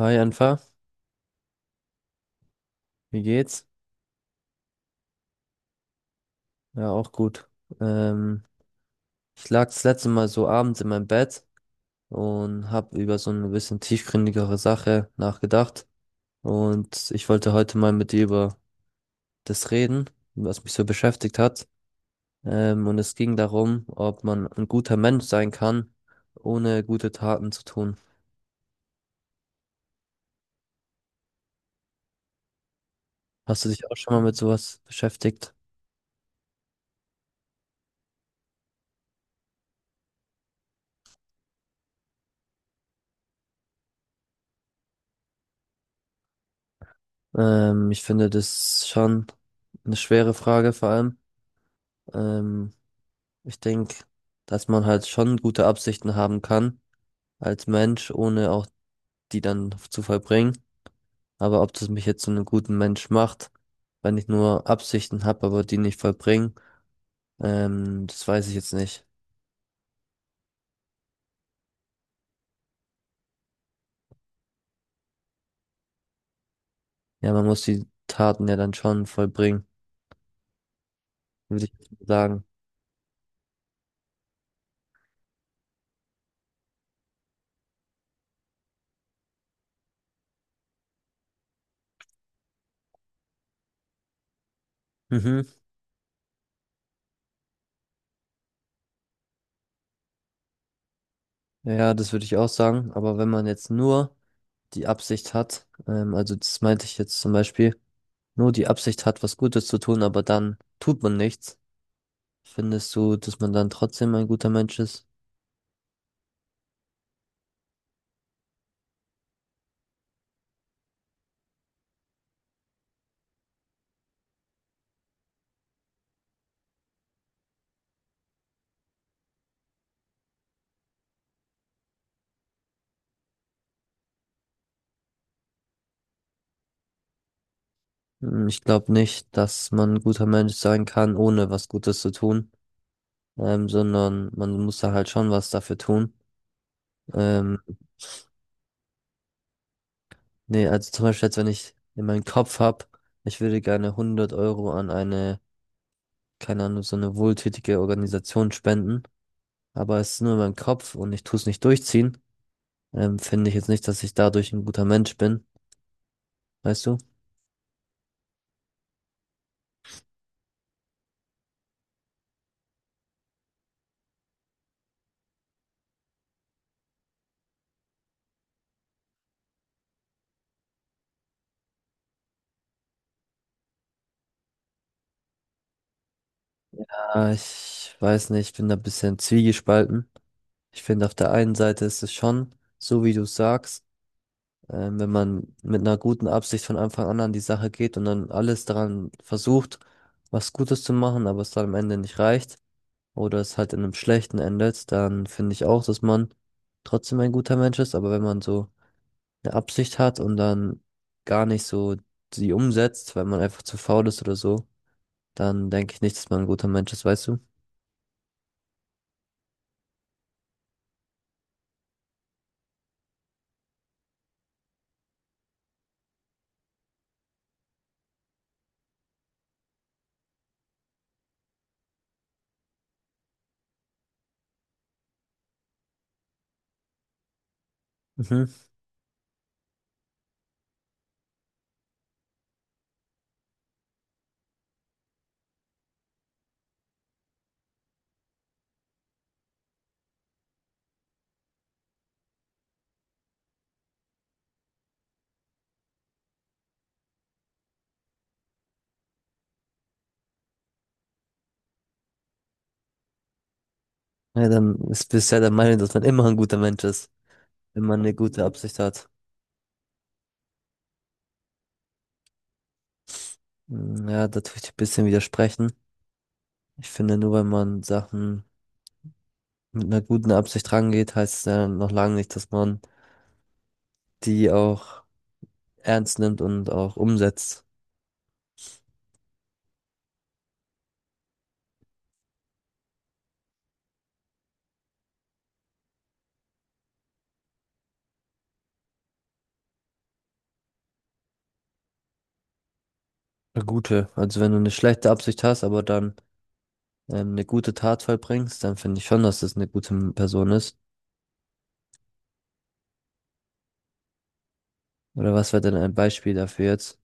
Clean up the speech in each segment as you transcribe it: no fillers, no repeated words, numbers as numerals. Hi Anfa, wie geht's? Ja, auch gut. Ähm, Ich lag das letzte Mal so abends in meinem Bett und habe über so eine bisschen tiefgründigere Sache nachgedacht. Und ich wollte heute mal mit dir über das reden, was mich so beschäftigt hat. Und es ging darum, ob man ein guter Mensch sein kann, ohne gute Taten zu tun. Hast du dich auch schon mal mit sowas beschäftigt? Ich finde das schon eine schwere Frage vor allem. Ähm, Ich denke, dass man halt schon gute Absichten haben kann als Mensch, ohne auch die dann zu vollbringen. Aber ob das mich jetzt zu einem guten Mensch macht, wenn ich nur Absichten habe, aber die nicht vollbringen, das weiß ich jetzt nicht. Ja, man muss die Taten ja dann schon vollbringen, würde ich jetzt mal sagen. Mhm. Ja, das würde ich auch sagen. Aber wenn man jetzt nur die Absicht hat, also das meinte ich jetzt zum Beispiel, nur die Absicht hat, was Gutes zu tun, aber dann tut man nichts. Findest du, dass man dann trotzdem ein guter Mensch ist? Hm, ich glaube nicht, dass man ein guter Mensch sein kann, ohne was Gutes zu tun, sondern man muss da halt schon was dafür tun. Ähm, Nee, also zum Beispiel jetzt, wenn ich in meinem Kopf habe, ich würde gerne 100 Euro an eine, keine Ahnung, so eine wohltätige Organisation spenden, aber es ist nur in meinem Kopf und ich tue es nicht durchziehen, finde ich jetzt nicht, dass ich dadurch ein guter Mensch bin, weißt du? Ah, ich weiß nicht, ich bin da ein bisschen zwiegespalten. Ich finde, auf der einen Seite ist es schon, so wie du sagst, wenn man mit einer guten Absicht von Anfang an an die Sache geht und dann alles daran versucht, was Gutes zu machen, aber es dann am Ende nicht reicht oder es halt in einem schlechten endet, dann finde ich auch, dass man trotzdem ein guter Mensch ist. Aber wenn man so eine Absicht hat und dann gar nicht so sie umsetzt, weil man einfach zu faul ist oder so, dann denke ich nicht, dass man ein guter Mensch ist, weißt du? Mhm. Ja, dann ist bisher der Meinung, dass man immer ein guter Mensch ist, wenn man eine gute Absicht hat. Mm, ja, da tue ich dir ein bisschen widersprechen. Ich finde, nur wenn man Sachen mit einer guten Absicht rangeht, heißt es ja noch lange nicht, dass man die auch ernst nimmt und auch umsetzt. Eine gute. Also wenn du eine schlechte Absicht hast, aber dann eine gute Tat vollbringst, dann finde ich schon, dass das eine gute M- Person ist. Oder was wäre denn ein Beispiel dafür jetzt?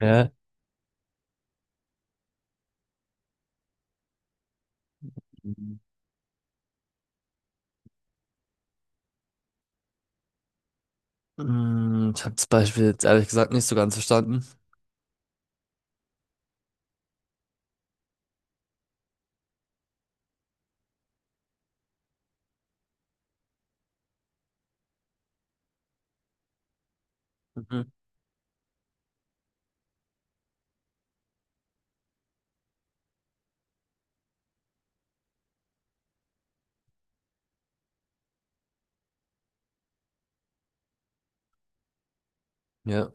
Ja. Mhm. Mm, ich habe das Beispiel jetzt ehrlich gesagt nicht so ganz verstanden. Mhm. Ja.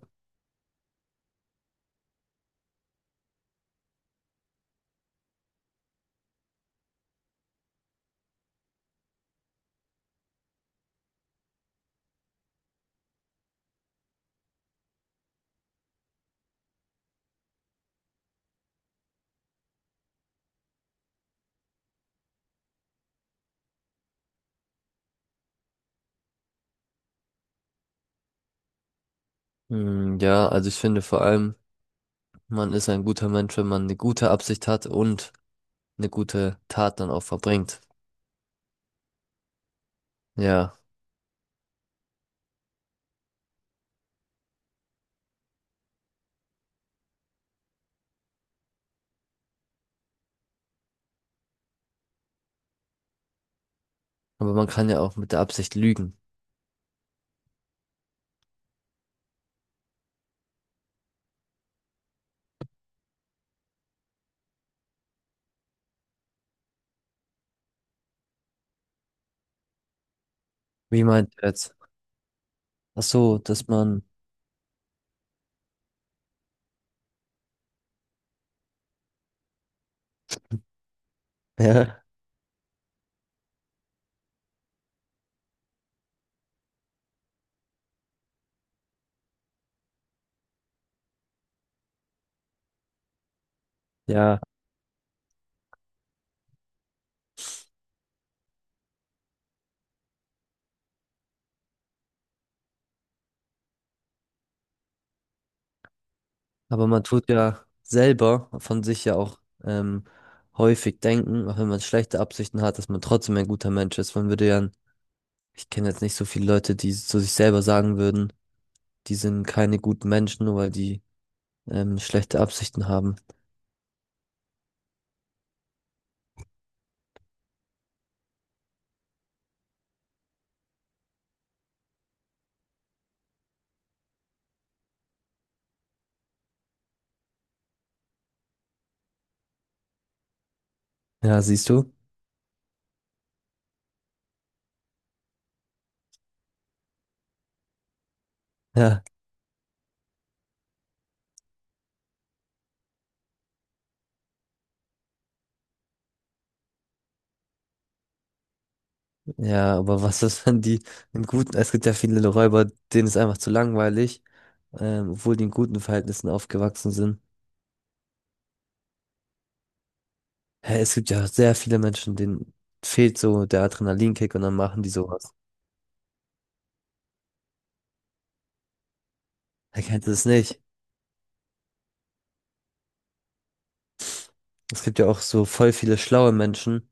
Mm, ja, also ich finde vor allem. Man ist ein guter Mensch, wenn man eine gute Absicht hat und eine gute Tat dann auch verbringt. Ja, aber man kann ja auch mit der Absicht lügen. Wie meint ihr jetzt? Ach so, dass man, ja, ja, aber man tut ja selber von sich ja auch häufig denken, auch wenn man schlechte Absichten hat, dass man trotzdem ein guter Mensch ist. Man würde ja, ich kenne jetzt nicht so viele Leute, die zu sich selber sagen würden, die sind keine guten Menschen, nur weil die schlechte Absichten haben. Ja, siehst du? Ja. Ja, aber was ist, wenn die einen guten, es gibt ja viele Räuber, denen ist einfach zu langweilig, obwohl die in guten Verhältnissen aufgewachsen sind. Hä, es gibt ja sehr viele Menschen, denen fehlt so der Adrenalinkick und dann machen die sowas. Er kennt es nicht. Es gibt ja auch so voll viele schlaue Menschen,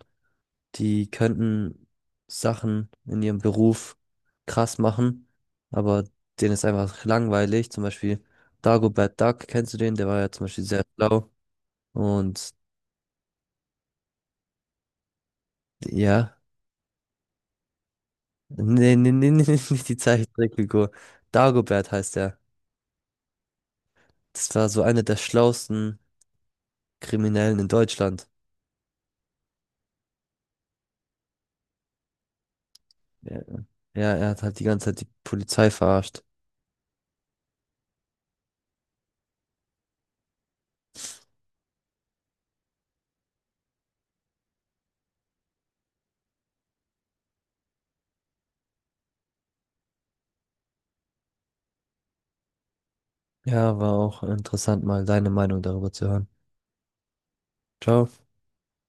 die könnten Sachen in ihrem Beruf krass machen, aber denen ist einfach langweilig. Zum Beispiel Dagobert Duck, kennst du den? Der war ja zum Beispiel sehr schlau und ja. Nee, nee, nee, nee, nicht die Zeichentrickfigur. Dagobert heißt er. Das war so einer der schlauesten Kriminellen in Deutschland. Ja, ja, er hat halt die ganze Zeit die Polizei verarscht. Ja, war auch interessant, mal deine Meinung darüber zu hören. Ciao.